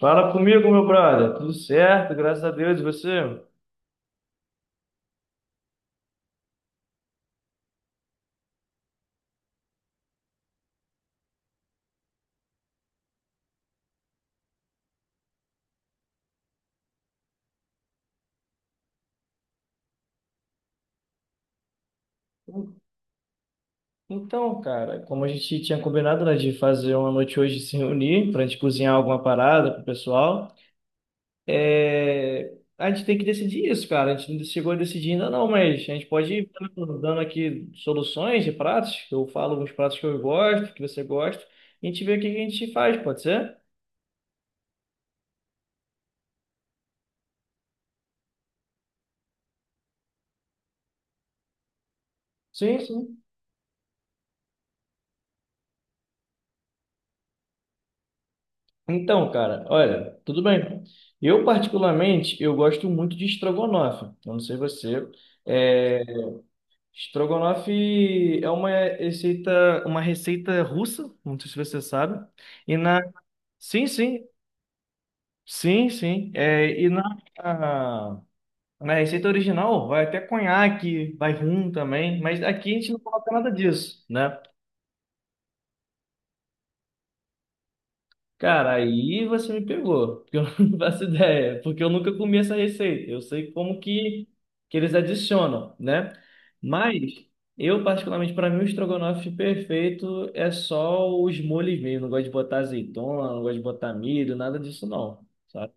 Fala comigo, meu brother. Tudo certo, graças a Deus. E você? Então, cara, como a gente tinha combinado, né, de fazer uma noite hoje se reunir para a gente cozinhar alguma parada pro pessoal, a gente tem que decidir isso, cara. A gente não chegou a decidir ainda não, mas a gente pode ir dando aqui soluções de pratos. Eu falo uns pratos que eu gosto, que você gosta, e a gente vê o que a gente faz, pode ser? Sim, sim. Então, cara, olha, tudo bem. Eu, particularmente, eu gosto muito de estrogonofe. Eu não sei você. É, Estrogonofe é uma receita russa, não sei se você sabe. E na... Sim, sim, sim, sim. Na receita original vai até conhaque, vai rum também, mas aqui a gente não coloca nada disso, né? Cara, aí você me pegou, porque eu não faço ideia, porque eu nunca comi essa receita. Eu sei que eles adicionam, né? Mas eu, particularmente, para mim, o estrogonofe perfeito é só os molhos mesmo. Não gosto de botar azeitona, não gosto de botar milho, nada disso não, sabe?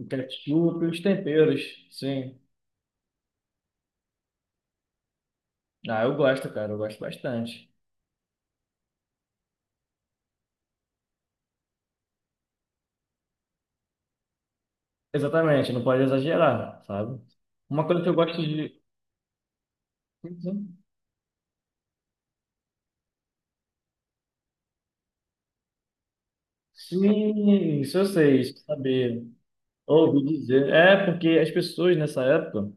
O ketchup e os temperos, sim. Ah, eu gosto, cara, eu gosto bastante. Exatamente, não pode exagerar, sabe? Uma coisa que eu gosto de... Sim, isso eu sei, isso eu sabia. Ouvi dizer. É, porque as pessoas nessa época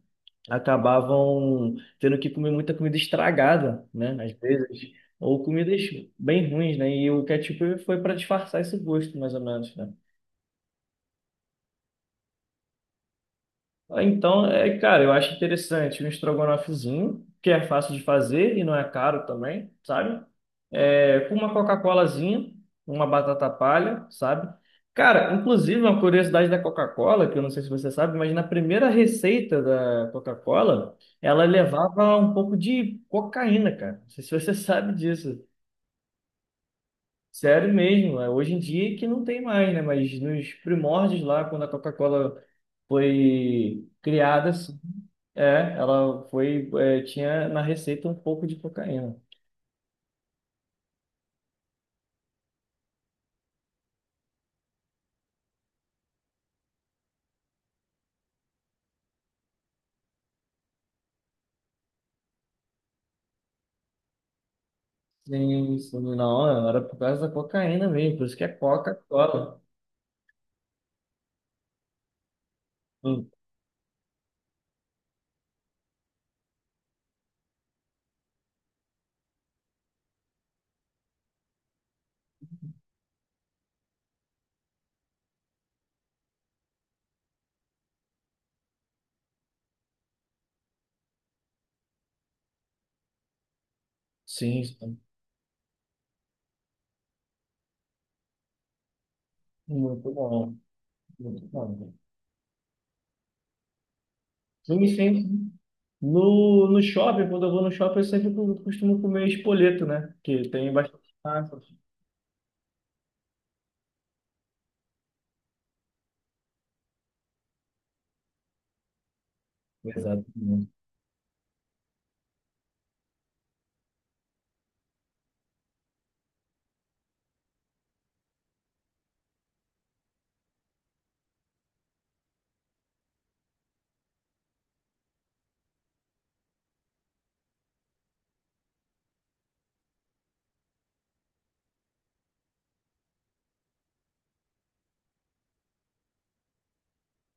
acabavam tendo que comer muita comida estragada, né? Às vezes, ou comidas bem ruins, né? E o ketchup foi para disfarçar esse gosto, mais ou menos, né? Ah, então, cara, eu acho interessante um estrogonofezinho, que é fácil de fazer e não é caro também, sabe? É, com uma Coca-Colazinha, uma batata palha, sabe? Cara, inclusive, uma curiosidade da Coca-Cola, que eu não sei se você sabe, mas na primeira receita da Coca-Cola, ela levava um pouco de cocaína, cara. Não sei se você sabe disso. Sério mesmo, hoje em dia que não tem mais, né? Mas nos primórdios lá, quando a Coca-Cola foi criada, tinha na receita um pouco de cocaína. Sim, sim, não, era por causa da cocaína mesmo, por isso que é Coca-Cola. Hum. Sim, sim, muito bom, muito bom. Sim, sim, sim. No shopping, quando eu vou no shopping, eu sempre costumo comer espoleto, né? Que tem bastante massa. Exatamente.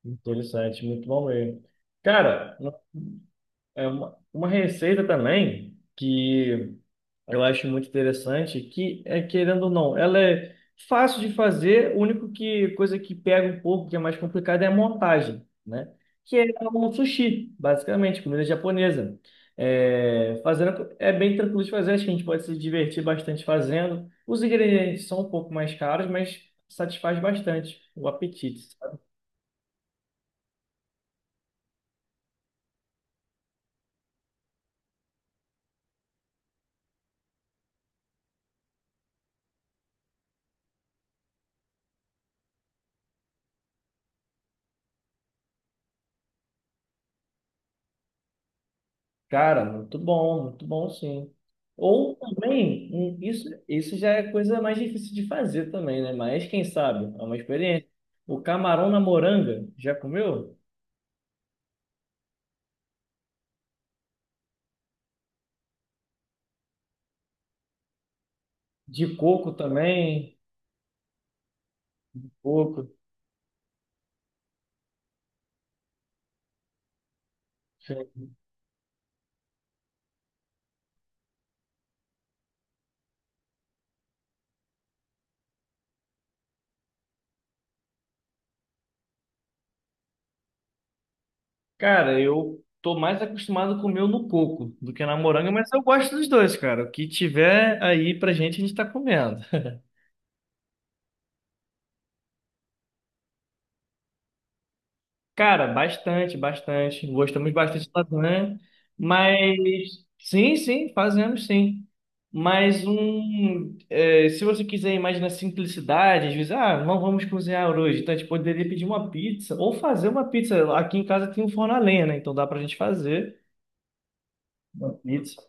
Interessante, muito bom mesmo. Cara, é uma receita também que eu acho muito interessante que, querendo ou não, ela é fácil de fazer, o único que coisa que pega um pouco, que é mais complicada, é a montagem, né? Que é um sushi, basicamente, comida japonesa. É, fazendo, é bem tranquilo de fazer, acho que a gente pode se divertir bastante fazendo. Os ingredientes são um pouco mais caros, mas satisfaz bastante o apetite. Cara, muito bom sim. Ou também, isso já é coisa mais difícil de fazer também, né? Mas quem sabe, é uma experiência. O camarão na moranga, já comeu? De coco também, coco. Cara, eu tô mais acostumado a comer no coco do que na moranga, mas eu gosto dos dois, cara. O que tiver aí pra gente, a gente tá comendo. Cara, bastante, bastante. Gostamos bastante de lasanha, mas sim, sim, fazemos sim. Mas um, se você quiser imaginar simplicidade, às vezes, ah, não vamos cozinhar hoje, então a gente poderia pedir uma pizza ou fazer uma pizza. Aqui em casa tem um forno a lenha, né? Então dá pra gente fazer uma pizza.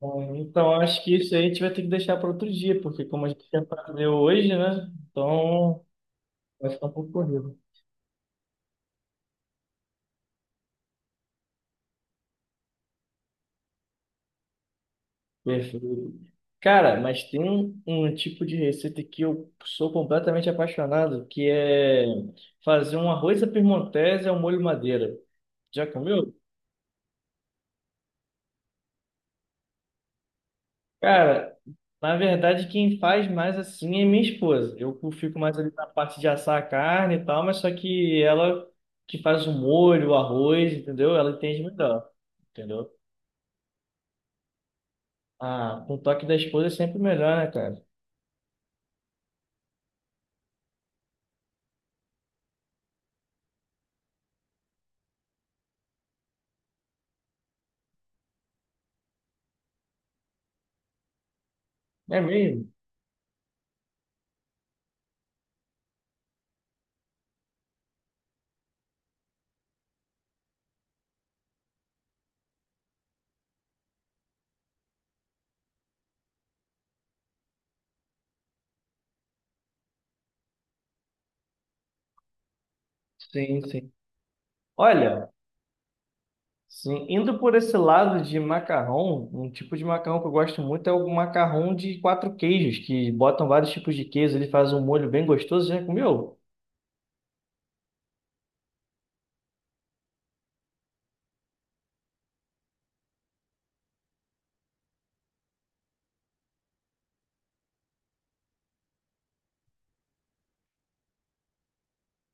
Bom, então acho que isso aí a gente vai ter que deixar para outro dia, porque como a gente quer fazer hoje, né? Então vai ficar um pouco corrido. Perfeito. Cara, mas tem um tipo de receita que eu sou completamente apaixonado, que é fazer um arroz à piemontese ao molho madeira. Já comeu? Cara, na verdade, quem faz mais assim é minha esposa. Eu fico mais ali na parte de assar a carne e tal, mas só que ela que faz o molho, o arroz, entendeu? Ela entende melhor, entendeu? Ah, com o toque da esposa é sempre melhor, né, cara? É mesmo? Sim, sim. Olha. Sim, indo por esse lado de macarrão, um tipo de macarrão que eu gosto muito é o macarrão de quatro queijos, que botam vários tipos de queijo, ele faz um molho bem gostoso. Já comeu?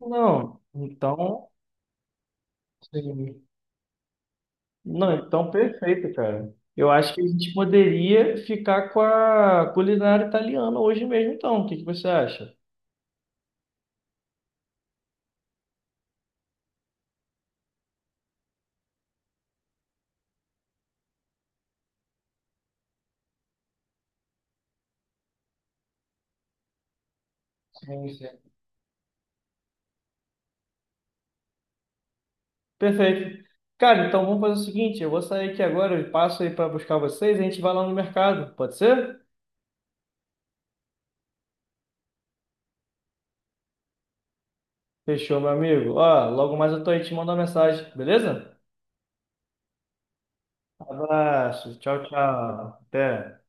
Não. Então, sim. Não, então perfeito, cara. Eu acho que a gente poderia ficar com a culinária italiana hoje mesmo, então. O que que você acha? Sim, sim. Perfeito. Cara, então vamos fazer o seguinte, eu vou sair aqui agora, eu passo aí para buscar vocês, a gente vai lá no mercado, pode ser? Fechou, meu amigo. Ó, logo mais eu tô aí te mandando uma mensagem, beleza? Abraço. Tchau, tchau. Até.